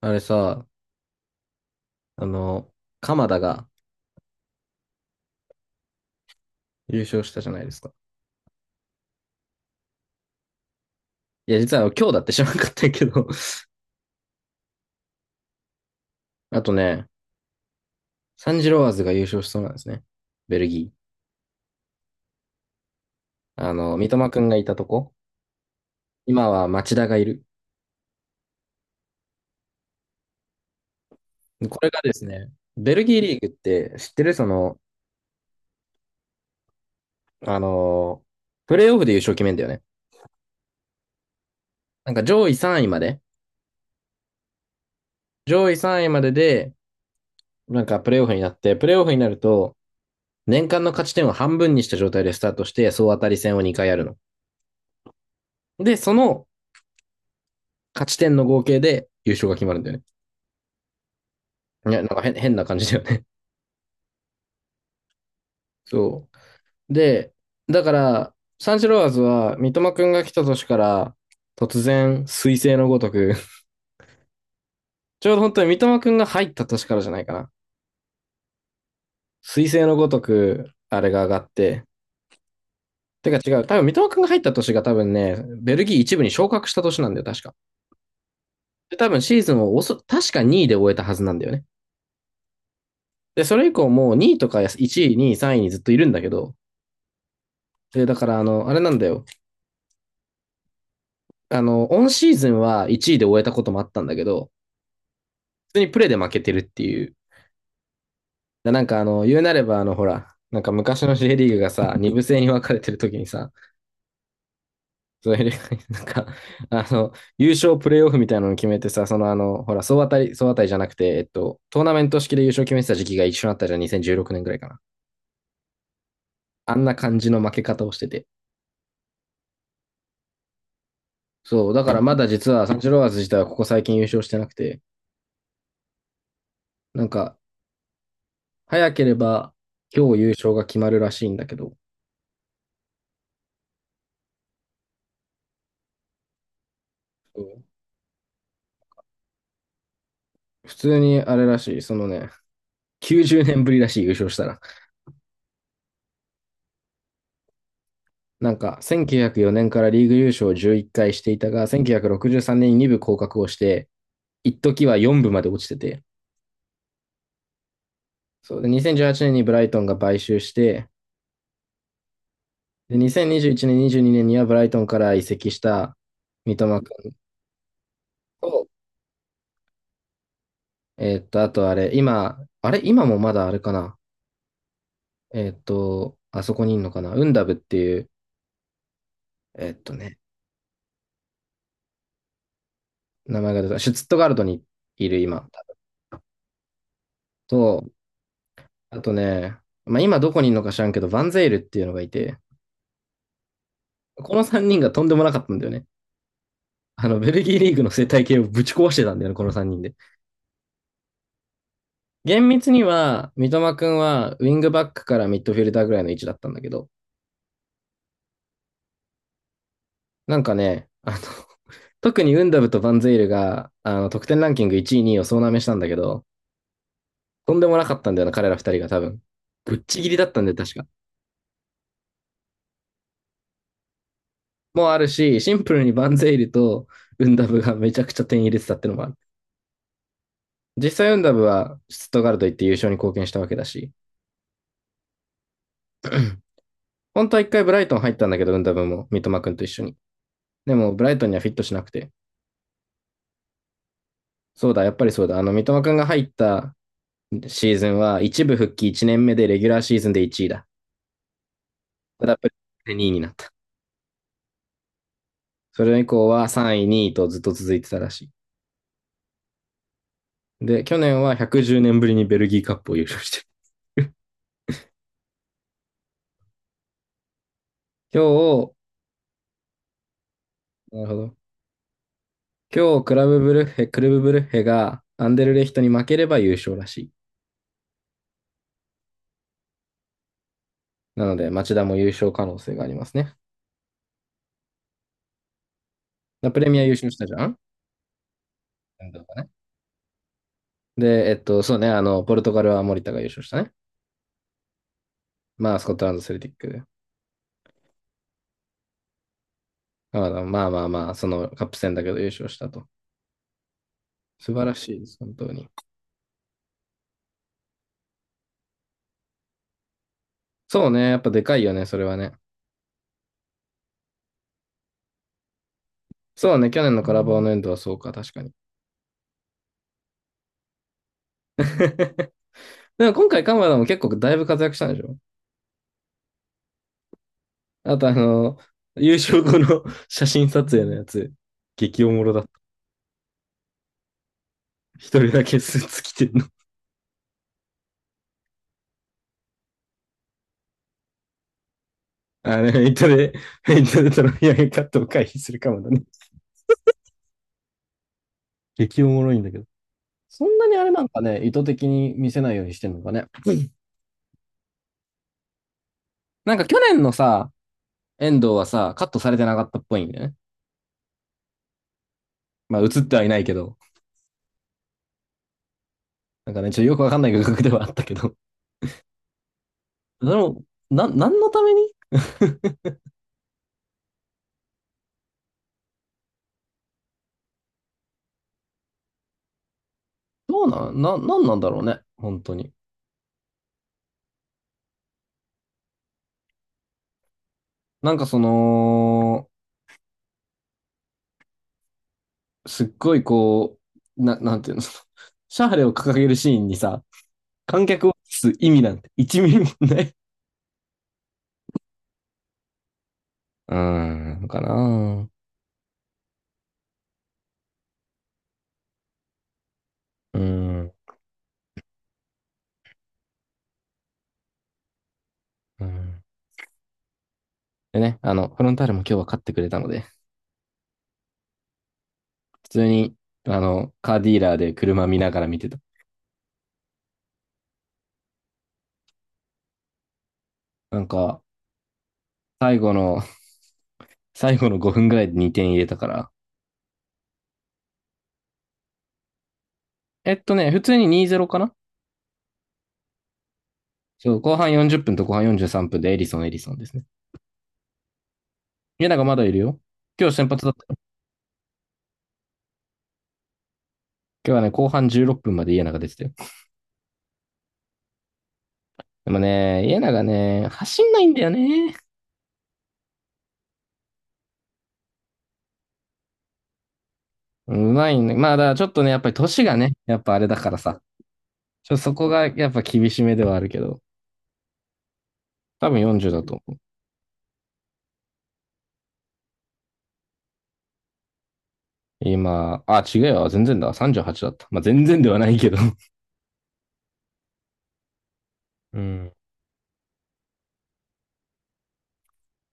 あれさ、あの、鎌田が優勝したじゃないですか。いや、実は今日だって知らなかったけど。 あとね、サンジロワーズが優勝しそうなんですね。ベルギー。三笘くんがいたとこ。今は町田がいる。これがですね、ベルギーリーグって知ってるあの、プレイオフで優勝決めんだよね。なんか上位3位まで。上位3位までで、なんかプレイオフになると、年間の勝ち点を半分にした状態でスタートして、総当たり戦を2回やるの。で、その勝ち点の合計で優勝が決まるんだよね。いや、なんか変な感じだよね。そう。で、だから、サンシロワーズは三笘くんが来た年から突然、彗星のごとく、ちょうど本当に三笘くんが入った年からじゃないかな。彗星のごとく、あれが上がって。てか違う、多分三笘くんが入った年が多分ね、ベルギー一部に昇格した年なんだよ、確か。で、多分シーズンを確か2位で終えたはずなんだよね。で、それ以降もう2位とか1位、2位、3位にずっといるんだけど、で、だからあれなんだよ。オンシーズンは1位で終えたこともあったんだけど、普通にプレーで負けてるっていう。なんか言うなればほら、なんか昔の J リーグがさ、二部制に分かれてる時にさ、そういうなんか、あの、優勝プレーオフみたいなのを決めてさ、ほら、総当たりじゃなくて、トーナメント式で優勝決めてた時期が一緒になったじゃん、2016年ぐらいかな。あんな感じの負け方をしてて。そう、だからまだ実はサンチロワーズ自体はここ最近優勝してなくて、なんか、早ければ今日優勝が決まるらしいんだけど、普通にあれらしい、90年ぶりらしい優勝したら。なんか、1904年からリーグ優勝を11回していたが、1963年に2部降格をして、一時は4部まで落ちてて、そうで、2018年にブライトンが買収して、で、2021年、22年にねんにはブライトンから移籍した三笘君と、あとあれ、今、あれ、今もまだあれかな。あそこにいるのかな。ウンダブっていう、えーっとね、名前が出た。シュツットガルトにいる今、と、あとね、まあ、今どこにいるのか知らんけど、バンゼイルっていうのがいて、この3人がとんでもなかったんだよね。ベルギーリーグの生態系をぶち壊してたんだよね、この3人で。厳密には、三笘くんはウィングバックからミッドフィルダーぐらいの位置だったんだけど、なんかね、特にウンダブとバンゼイルが、得点ランキング1位、2位を総なめしたんだけど、とんでもなかったんだよな、彼ら2人が多分。ぶっちぎりだったんだよ、確か。もうあるし、シンプルにバンゼイルとウンダブがめちゃくちゃ点入れてたってのもある。実際ウンダブはシュットガルト行って優勝に貢献したわけだし、本当は一回ブライトン入ったんだけど、ウンダブも三笘くんと一緒に。でも、ブライトンにはフィットしなくて。そうだ、やっぱりそうだ。三笘くんが入ったシーズンは、一部復帰1年目でレギュラーシーズンで1位だ。ただ、やっぱり2位になった。それ以降は3位、2位とずっと続いてたらしい。で、去年は110年ぶりにベルギーカップを優勝してる。今日、なるほど。今日、クルブブルッヘがアンデルレヒトに負ければ優勝らしい。なので、町田も優勝可能性がありますね。プレミア優勝したじゃん。で、そうね、ポルトガルは森田が優勝したね。まあ、スコットランド、セルティックで。まあまあまあまあ、そのカップ戦だけど優勝したと。素晴らしいです、本当に。そうね、やっぱでかいよね、それはね。そうね、去年のカラバオのエンドはそうか、確かに。でも今回、カマダも結構だいぶ活躍したんでしょ。あと、優勝後の 写真撮影のやつ、激おもろだった。一人だけスーツ着てんの。あれ、フェイントでトロフィー上げカットを回避するかもだね。激おもろいんだけど。そんなにあれなんかね、意図的に見せないようにしてんのかね。なんか去年のさ、遠藤はさ、カットされてなかったっぽいんだよね。まあ映ってはいないけど。なんかね、ちょっとよくわかんない画角ではあったけど。でも、何のために。 どうなな、なんなんだろうね。本当に。なんかその、すっごいこう、なんていうの、シャーレを掲げるシーンにさ、観客を映す意味なんて1ミリもない。うーん、かな。うーん、うん。でね、フロンターレも今日は勝ってくれたので、普通に、カーディーラーで車見ながら見てた。なんか、最後の、最後の5分ぐらいで2点入れたから。普通に2-0かな。そう、後半40分と後半43分でエリソンですね。家長まだいるよ。今日先発だったよ。今日はね、後半16分まで家長出てたよ。でもね、家長ね、走んないんだよね。うまいね。まあ、だからちょっとね、やっぱり年がね、やっぱあれだからさ。そこがやっぱ厳しめではあるけど、多分40だと思う。今、あ、違うよ、全然だ、38だった。まあ、全然ではないけど。うん。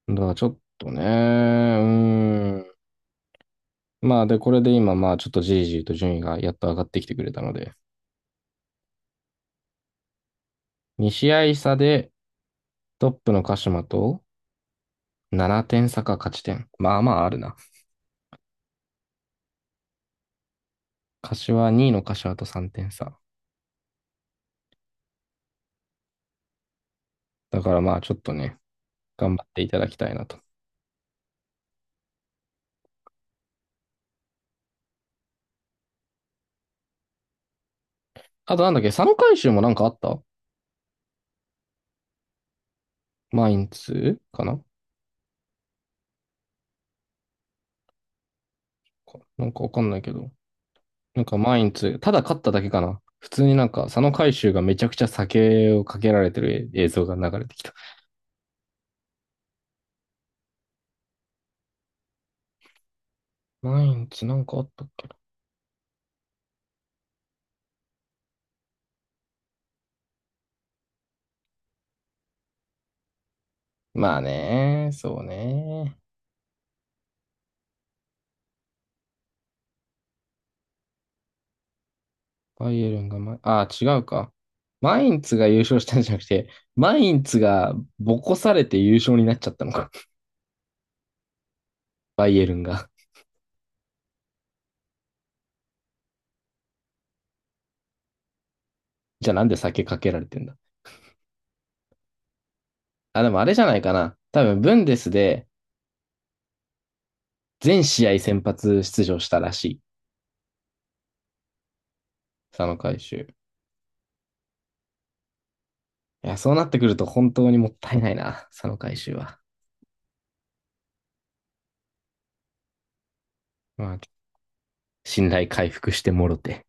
だからちょっとね、うーん。まあ、で、これで今、まあ、ちょっとじりじりと順位がやっと上がってきてくれたので、2試合差でトップの鹿島と7点差か勝ち点。まあまああるな。2位の柏と3点差。だからまあ、ちょっとね、頑張っていただきたいなと。あとなんだっけ、3回収もなんかあった。マインツかなかなんかわかんないけど。なんかマインツ、ただ勝っただけかな。普通になんか、佐野海舟がめちゃくちゃ酒をかけられてる映像が流れてきた。マインツなんかあったっけな。まあね、そうね。バイエルンがま、ああ、違うか。マインツが優勝したんじゃなくて、マインツがボコされて優勝になっちゃったのか。バイエルンが。じゃあなんで酒かけられてんだ。あ、でもあれじゃないかな。多分、ブンデスで全試合先発出場したらしい。佐野海舟。いや、そうなってくると本当にもったいないな、その回収は。まあ、信頼回復してもろて。